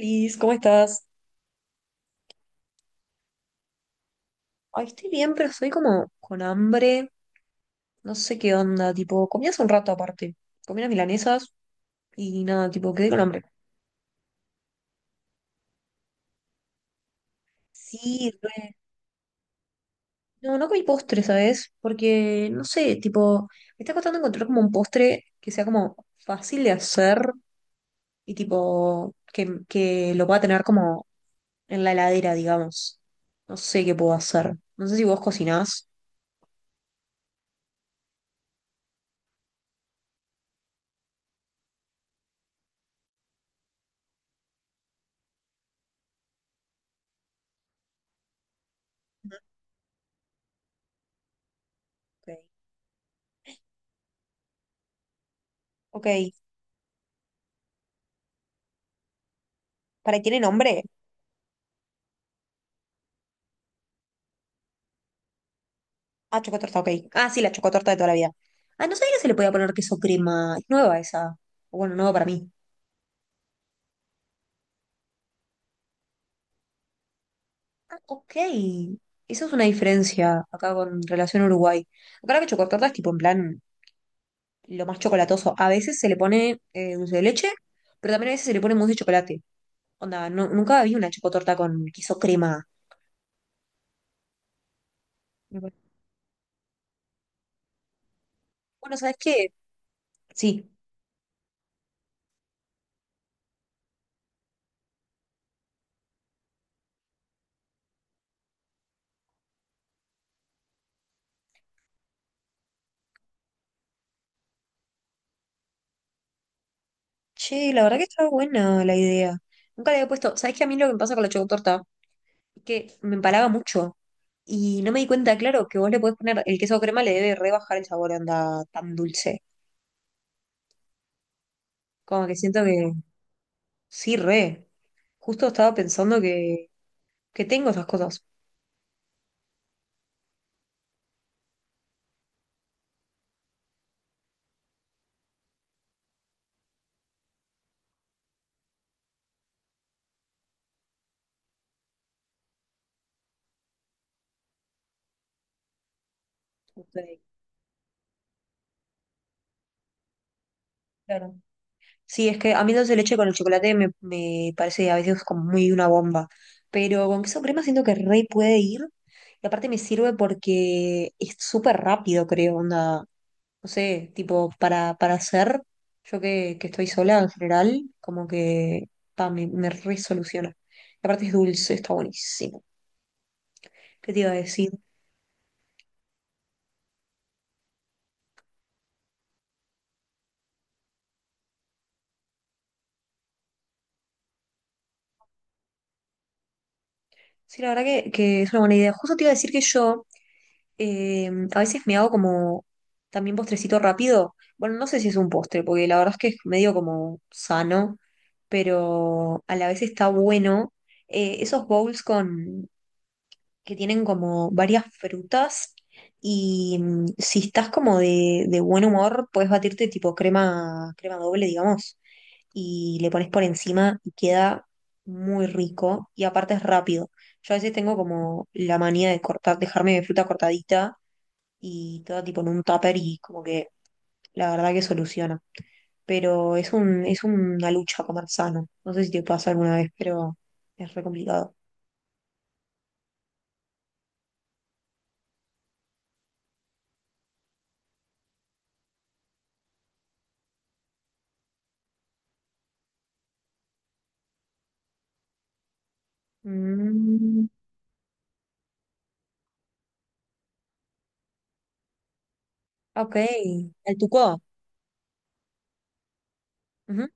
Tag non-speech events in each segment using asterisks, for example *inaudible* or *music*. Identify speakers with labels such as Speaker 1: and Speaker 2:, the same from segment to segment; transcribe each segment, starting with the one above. Speaker 1: Liz, ¿cómo estás? Ay, estoy bien, pero estoy como con hambre. No sé qué onda, tipo, comí hace un rato aparte. Comí unas milanesas y nada, tipo, quedé con hambre. Sí, re- no, no comí postre, ¿sabes? Porque, no sé, tipo, me está costando encontrar como un postre que sea como fácil de hacer y tipo, que lo pueda tener como en la heladera, digamos. No sé qué puedo hacer. No sé si vos cocinás. Ok. Ok. ¿Para tiene nombre? Ah, chocotorta, ok. Ah, sí, la chocotorta de toda la vida. Ah, no sabía que se le podía poner queso crema. Es nueva esa. Bueno, nueva para mí. Ah, ok. Esa es una diferencia acá con relación a Uruguay. Acá la que chocotorta es tipo en plan lo más chocolatoso. A veces se le pone dulce de leche, pero también a veces se le pone mousse de chocolate. Onda, no, nunca vi una chocotorta con queso crema. Me pare- Bueno, ¿sabes qué? Sí. Che, la verdad que está buena la idea. Nunca le había puesto. ¿Sabes qué? A mí lo que me pasa con la chocotorta que me empalaba mucho. Y no me di cuenta, claro, que vos le podés poner el queso crema, le debe rebajar el sabor, anda tan dulce. Como que siento que sí, re. Justo estaba pensando que tengo esas cosas. Justo ahí, claro. Sí, es que a mí dulce de leche con el chocolate me parece a veces como muy una bomba. Pero con queso crema siento que re puede ir. Y aparte me sirve porque es súper rápido, creo, onda. No sé, tipo, para hacer, yo que estoy sola en general, como que pa, me resoluciona. Y aparte es dulce, está buenísimo. ¿Qué te iba a decir? Sí, la verdad que es una buena idea. Justo te iba a decir que yo eh, a veces me hago como también postrecito rápido. Bueno, no sé si es un postre, porque la verdad es que es medio como sano, pero a la vez está bueno. Esos bowls con que tienen como varias frutas y mm, si estás como de buen humor, puedes batirte tipo crema, crema doble, digamos, y le pones por encima y queda muy rico y aparte es rápido. Yo a veces tengo como la manía de cortar, dejarme mi fruta cortadita y toda tipo en un tupper y como que la verdad que soluciona. Pero es un, es una lucha comer sano. No sé si te pasa alguna vez, pero es re complicado. Mm, ok, el tuco. Ujú.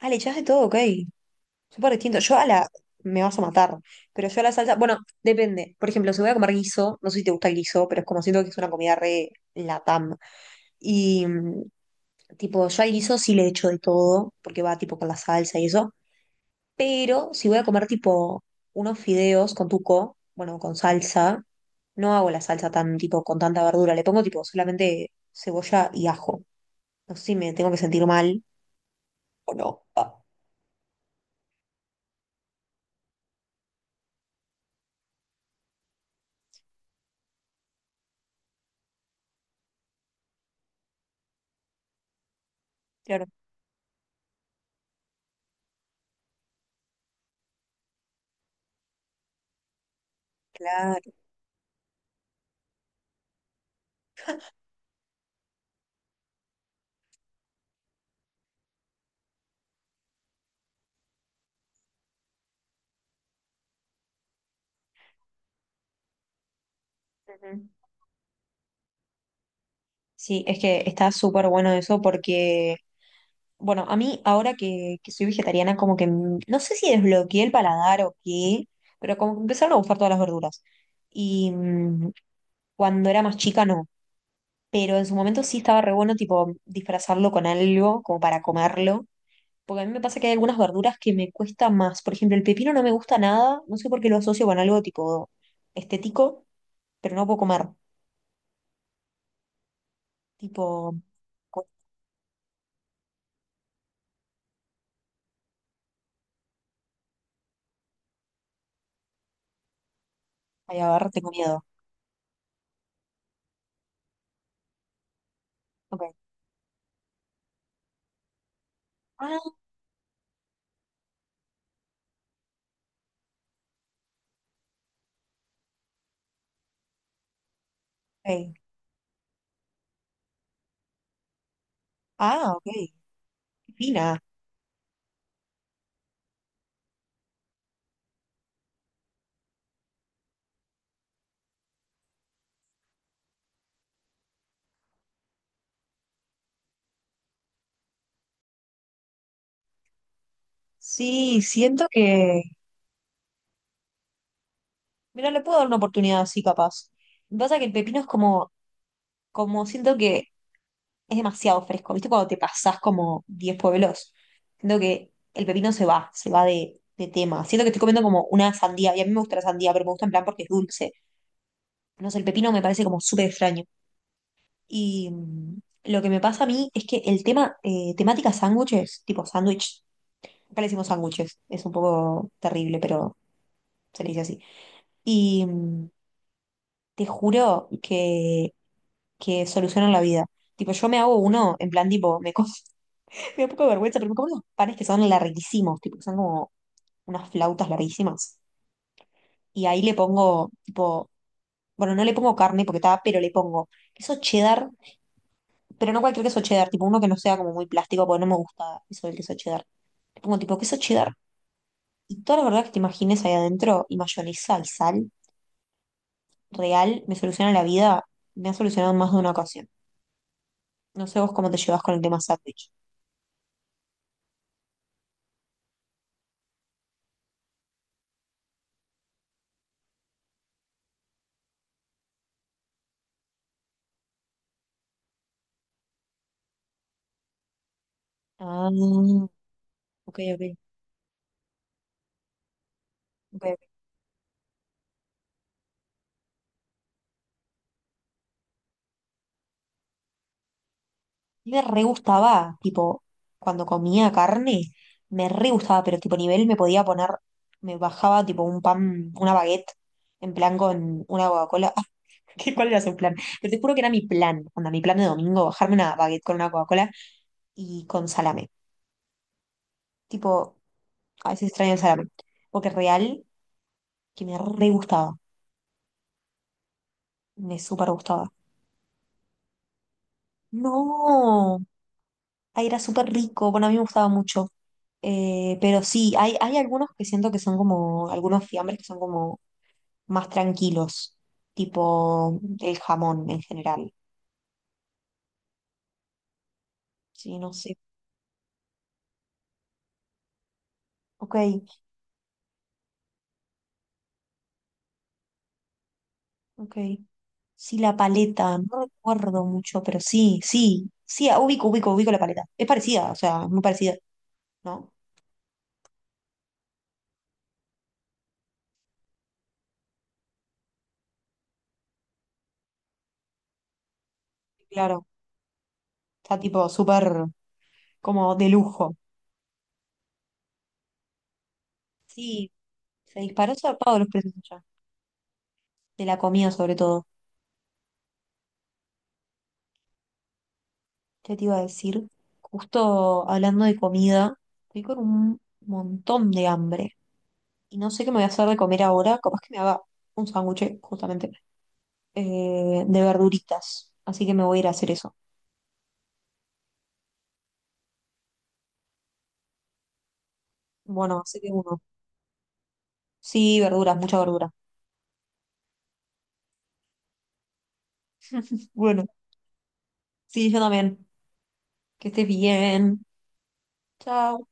Speaker 1: Ah, le echás de todo, ok. Súper distinto. Yo a la. Me vas a matar. Pero yo a la salsa. Bueno, depende. Por ejemplo, si voy a comer guiso, no sé si te gusta el guiso, pero es como siento que es una comida re latam. Y mm, tipo, yo al guiso sí le echo de todo, porque va tipo con la salsa y eso. Pero si voy a comer tipo unos fideos con tuco, bueno, con salsa, no hago la salsa tan tipo con tanta verdura. Le pongo tipo solamente cebolla y ajo. No sé si me tengo que sentir mal o no. Ah, claro, claro. Ujú. Sí, es que está súper bueno eso porque, bueno, a mí ahora que soy vegetariana, como que m- no sé si desbloqueé el paladar o qué, pero como que empezaron a gustar todas las verduras. Y mm, cuando era más chica no, pero en su momento sí estaba re bueno, tipo, disfrazarlo con algo, como para comerlo, porque a mí me pasa que hay algunas verduras que me cuesta más. Por ejemplo, el pepino no me gusta nada, no sé por qué lo asocio con algo tipo estético, pero no puedo comer. Tipo, ay, a ver, tengo miedo. Ok. Ah, ok. Ah, ok. Fina. Sí, siento que. Mira, le puedo dar una oportunidad así, capaz. Lo que pasa es que el pepino es como, como siento que es demasiado fresco. ¿Viste cuando te pasás como 10 pueblos? Siento que el pepino se va de tema. Siento que estoy comiendo como una sandía. Y a mí me gusta la sandía, pero me gusta en plan porque es dulce. No sé, el pepino me parece como súper extraño. Y mm, lo que me pasa a mí es que el tema, temática sándwiches, tipo sándwich, acá le decimos sándwiches, es un poco terrible, pero se le dice así. Y mm, te juro que solucionan la vida. Tipo, yo me hago uno, en plan, tipo, me, co- *laughs* me da un poco de vergüenza, pero me como unos panes que son larguísimos, tipo, que son como unas flautas larguísimas. Y ahí le pongo, tipo, bueno, no le pongo carne porque está, pero le pongo queso cheddar, pero no cualquier queso cheddar, tipo uno que no sea como muy plástico, porque no me gusta eso del queso cheddar. Le pongo tipo queso cheddar y todas las verdad que te imagines ahí adentro y mayonesa y sal real me soluciona la vida, me ha solucionado en más de una ocasión. No sé vos cómo te llevas con el tema sándwich. Ah, ok, ok. Ok. Me re gustaba, tipo, cuando comía carne, me re gustaba, pero tipo nivel me podía poner, me bajaba tipo un pan, una baguette, en plan con una Coca-Cola. *laughs* ¿Qué- ¿Cuál era su plan? Pero te juro que era mi plan, onda, mi plan de domingo, bajarme una baguette con una Coca-Cola y con salame. Tipo, a veces extraño el salame, porque real que me re gustaba, me súper gustaba. No, ahí era súper rico, bueno, a mí me gustaba mucho. Pero sí, hay algunos que siento que son como, algunos fiambres que son como más tranquilos, tipo el jamón en general. Sí, no sé. Ok, ok. Sí, la paleta, no recuerdo mucho, pero sí, sí, sí, ah, ubico, ubico, ubico la paleta. Es parecida, o sea, muy parecida, ¿no? Claro, está tipo súper como de lujo. Sí, se disparó zarpado los precios allá, de la comida sobre todo. ¿Qué te iba a decir? Justo hablando de comida, estoy con un montón de hambre y no sé qué me voy a hacer de comer ahora. Capaz que me haga un sándwich, justamente, de verduritas. Así que me voy a ir a hacer eso. Bueno, así que uno. Sí, verduras, mucha verdura. Bueno, sí, yo también. Que estés bien. Chao.